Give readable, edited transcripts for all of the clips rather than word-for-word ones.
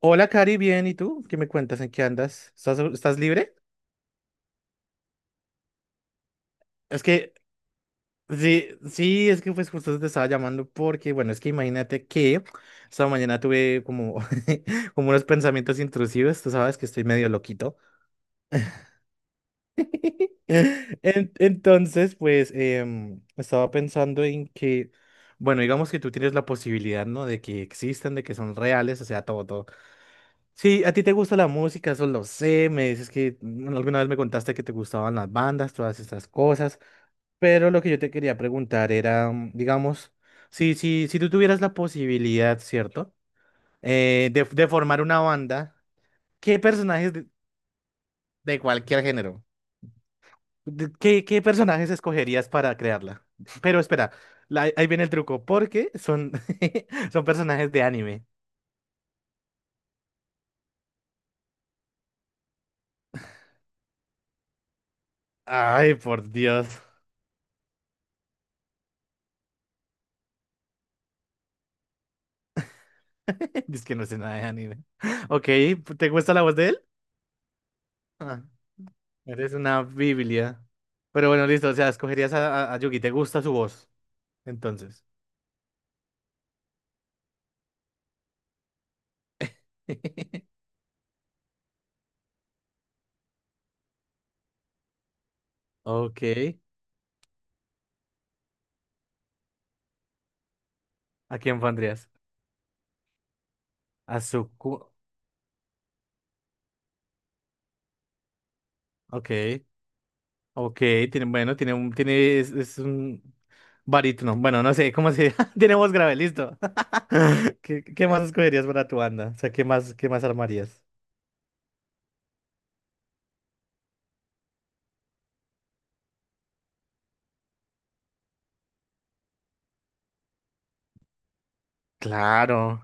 Hola, Cari, bien, ¿y tú? ¿Qué me cuentas? ¿En qué andas? ¿Estás libre? Es que, sí, sí, es que pues justo te estaba llamando porque, bueno, es que imagínate que esta mañana tuve como, como unos pensamientos intrusivos, tú sabes que estoy medio loquito. Entonces, pues, estaba pensando en que, bueno, digamos que tú tienes la posibilidad, ¿no? De que existan, de que son reales, o sea, todo, todo. Sí, a ti te gusta la música, eso lo sé. Me dices que alguna vez me contaste que te gustaban las bandas, todas estas cosas. Pero lo que yo te quería preguntar era, digamos, si tú tuvieras la posibilidad, ¿cierto? De formar una banda, ¿qué personajes de cualquier género? ¿Qué personajes escogerías para crearla? Pero espera, ahí viene el truco, porque son, son personajes de anime. Ay, por Dios. Es que no sé nada de anime. Ok, ¿te gusta la voz de él? Ah, eres una biblia. Pero bueno, listo, o sea, escogerías a Yugi, ¿te gusta su voz? Entonces. Ok, ¿a quién pondrías? A Ok, ok, tiene, bueno, tiene un... Tiene, es un barítono. Bueno, no sé, ¿cómo se... tiene voz grave, listo. ¿Qué más escogerías para tu banda? O sea, qué más armarías? Claro.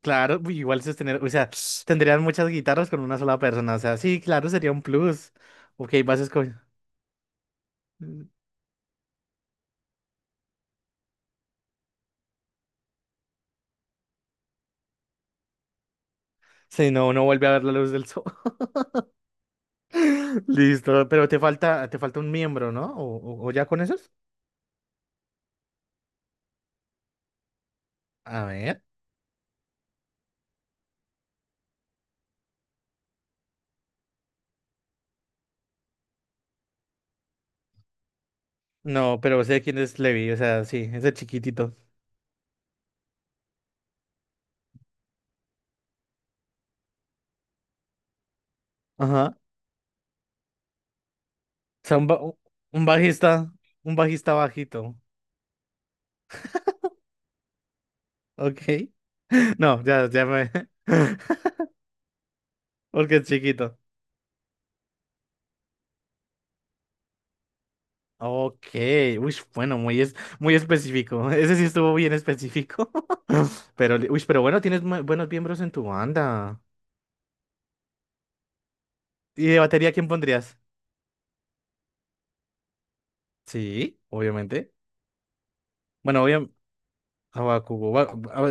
Claro, uy, igual eso es tener, o sea, tendrían muchas guitarras con una sola persona, o sea, sí, claro, sería un plus. Ok, vas a escoger. Si no, no vuelve a ver la luz del sol. Listo, pero te falta un miembro, ¿no? ¿O, o ya con esos? A ver. No, pero sé quién es Levi, o sea, sí, ese chiquitito. Ajá. O sea, un, un bajista, un bajista bajito. Ok. No, ya, ya me... Porque es chiquito. Ok, uy, bueno, muy, es, muy específico. Ese sí estuvo bien específico. Pero, uy, pero bueno, tienes buenos miembros en tu banda. ¿Y de batería quién pondrías? Sí, obviamente. Bueno, obviamente.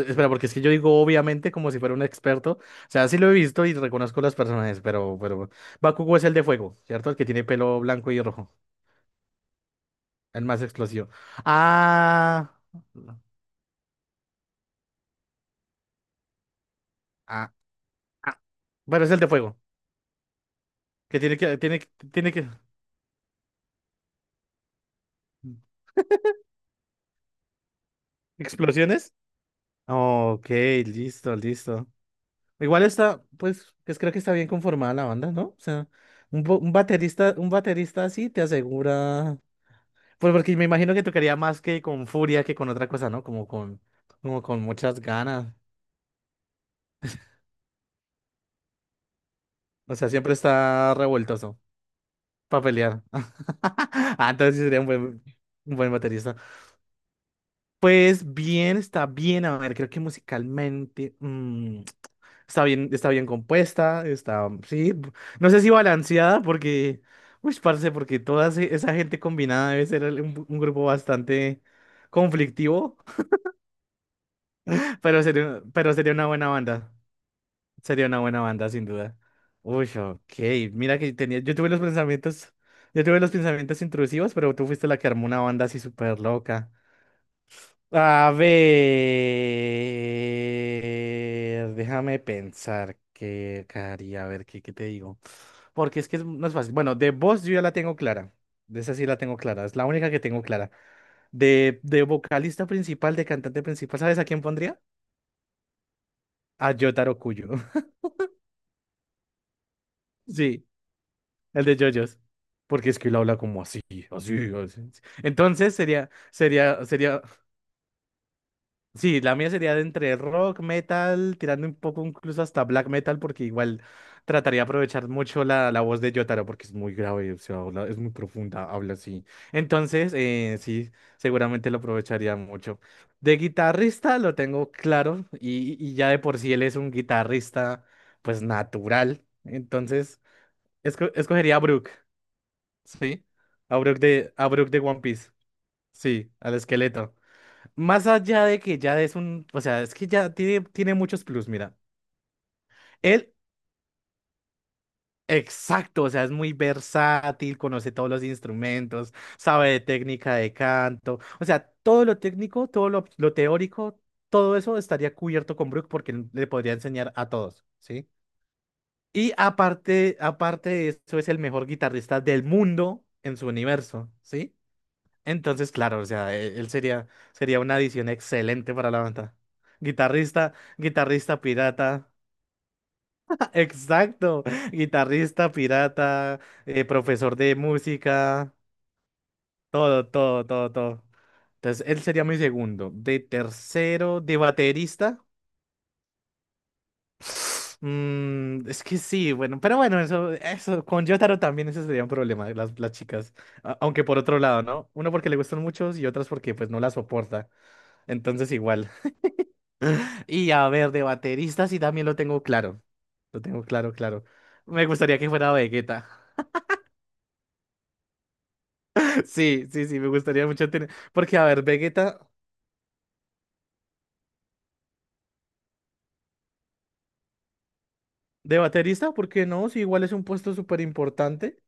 Espera, porque es que yo digo obviamente como si fuera un experto. O sea, sí lo he visto y reconozco los personajes, pero Bakugo es el de fuego, ¿cierto? El que tiene pelo blanco y rojo. El más explosivo. Ah. Ah. Ah. Bueno, es el de fuego. Que, tiene, tiene que. ¿Explosiones? Ok, listo, listo. Igual está, pues, pues creo que está bien conformada la banda, ¿no? O sea, un, un baterista así te asegura. Pues porque me imagino que tocaría más que con furia que con otra cosa, ¿no? Como con muchas ganas. O sea, siempre está revueltoso para pelear. Ah, entonces sí sería un buen baterista. Pues bien, está bien, a ver, creo que musicalmente está bien compuesta, está, sí, no sé si balanceada porque, uy, parce, porque toda esa gente combinada debe ser un grupo bastante conflictivo, pero sería una buena banda, sería una buena banda sin duda. Uy, ok, mira que tenía, yo tuve los pensamientos, yo tuve los pensamientos intrusivos, pero tú fuiste la que armó una banda así súper loca. A ver, déjame pensar qué haría, a ver qué, qué te digo. Porque es que no es fácil. Bueno, de voz yo ya la tengo clara. De esa sí la tengo clara. Es la única que tengo clara. De vocalista principal, de cantante principal, ¿sabes a quién pondría? A Yotaro Kuyo. Sí, el de JoJo's. Porque es que él habla como así, así, así. Entonces sería, sería, sería. Sí, la mía sería de entre rock, metal, tirando un poco incluso hasta black metal, porque igual trataría de aprovechar mucho la, la voz de Jotaro, porque es muy grave, o sea, es muy profunda, habla así. Entonces, sí, seguramente lo aprovecharía mucho. De guitarrista lo tengo claro, y ya de por sí él es un guitarrista, pues natural. Entonces, escogería a Brook, ¿sí? A Brook de One Piece, sí, al esqueleto. Más allá de que ya es un, o sea, es que ya tiene, tiene muchos plus, mira. Él, exacto, o sea, es muy versátil, conoce todos los instrumentos, sabe de técnica de canto, o sea, todo lo técnico, todo lo teórico, todo eso estaría cubierto con Brook porque él le podría enseñar a todos, ¿sí? Y aparte, aparte de eso, es el mejor guitarrista del mundo en su universo, ¿sí? Entonces, claro, o sea, él sería, sería una adición excelente para la banda. Guitarrista, guitarrista pirata. Exacto, guitarrista pirata, profesor de música, todo, todo, todo, todo. Entonces, él sería mi segundo. De tercero, de baterista. Es que sí, bueno, pero bueno, eso, con Jotaro también ese sería un problema, las chicas. Aunque por otro lado, ¿no? Uno porque le gustan muchos y otras porque pues no la soporta. Entonces, igual. Y a ver, de baterista sí también lo tengo claro. Lo tengo claro, claro. Me gustaría que fuera Vegeta. Sí, sí, sí, me gustaría mucho tener. Porque, a ver, Vegeta de baterista, ¿por qué no? Si igual es un puesto súper importante.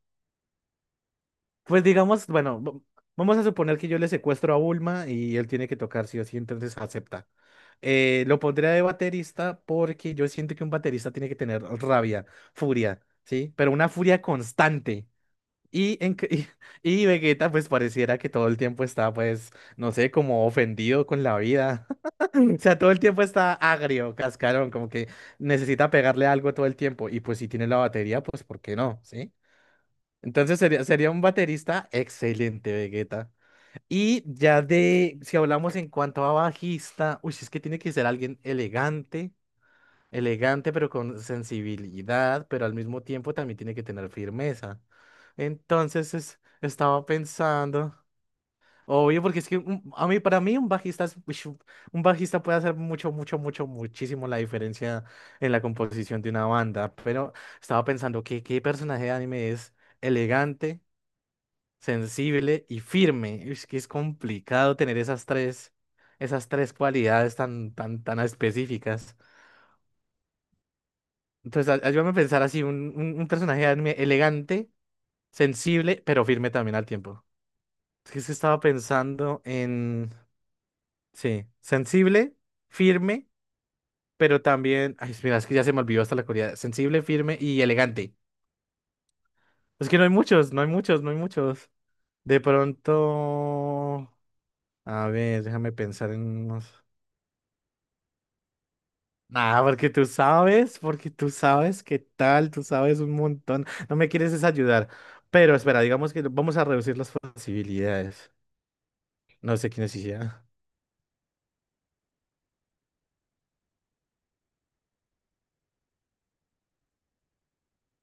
Pues digamos, bueno, vamos a suponer que yo le secuestro a Bulma y él tiene que tocar sí o sí, entonces acepta. Lo pondría de baterista porque yo siento que un baterista tiene que tener rabia, furia, ¿sí? Pero una furia constante. Y, en, y, Vegeta pues pareciera que todo el tiempo está pues, no sé, como ofendido con la vida. O sea, todo el tiempo está agrio, cascarón, como que necesita pegarle algo todo el tiempo. Y pues si tiene la batería, pues ¿por qué no? ¿Sí? Entonces sería, sería un baterista excelente, Vegeta. Y ya de, si hablamos en cuanto a bajista, uy, es que tiene que ser alguien elegante elegante, pero con sensibilidad, pero al mismo tiempo también tiene que tener firmeza. Entonces estaba pensando, obvio, porque es que a mí, para mí un bajista uish, un bajista puede hacer mucho, mucho, mucho, muchísimo la diferencia en la composición de una banda, pero estaba pensando que qué personaje de anime es elegante, sensible y firme. Es que es complicado tener esas tres cualidades tan, tan, tan específicas. Entonces, ayúdame a pensar así, un personaje de anime elegante, sensible, pero firme también al tiempo. Es que se estaba pensando en, sí, sensible, firme, pero también, ay, mira, es que ya se me olvidó hasta la cualidad. Sensible, firme y elegante. Es que no hay muchos, no hay muchos, no hay muchos. De pronto, a ver, déjame pensar en unos. Nada, porque tú sabes qué tal, tú sabes un montón. No me quieres desayudar. Pero espera, digamos que vamos a reducir las posibilidades. No sé quién es ella.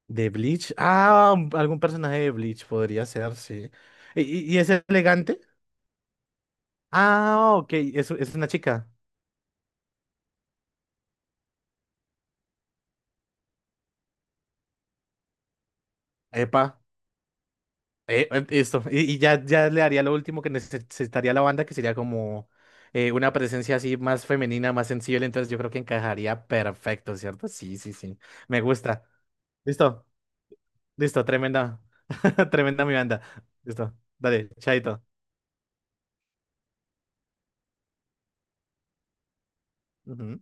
¿De Bleach? Ah, algún personaje de Bleach podría ser, sí. ¿Y, y es elegante? Ah, ok, es una chica. Epa. Esto, y ya, ya le haría lo último que necesitaría la banda, que sería como una presencia así más femenina, más sensible, entonces yo creo que encajaría perfecto, ¿cierto? Sí, sí, sí, me gusta. Listo, listo, tremenda, tremenda mi banda. Listo, dale, chaito. Ujú.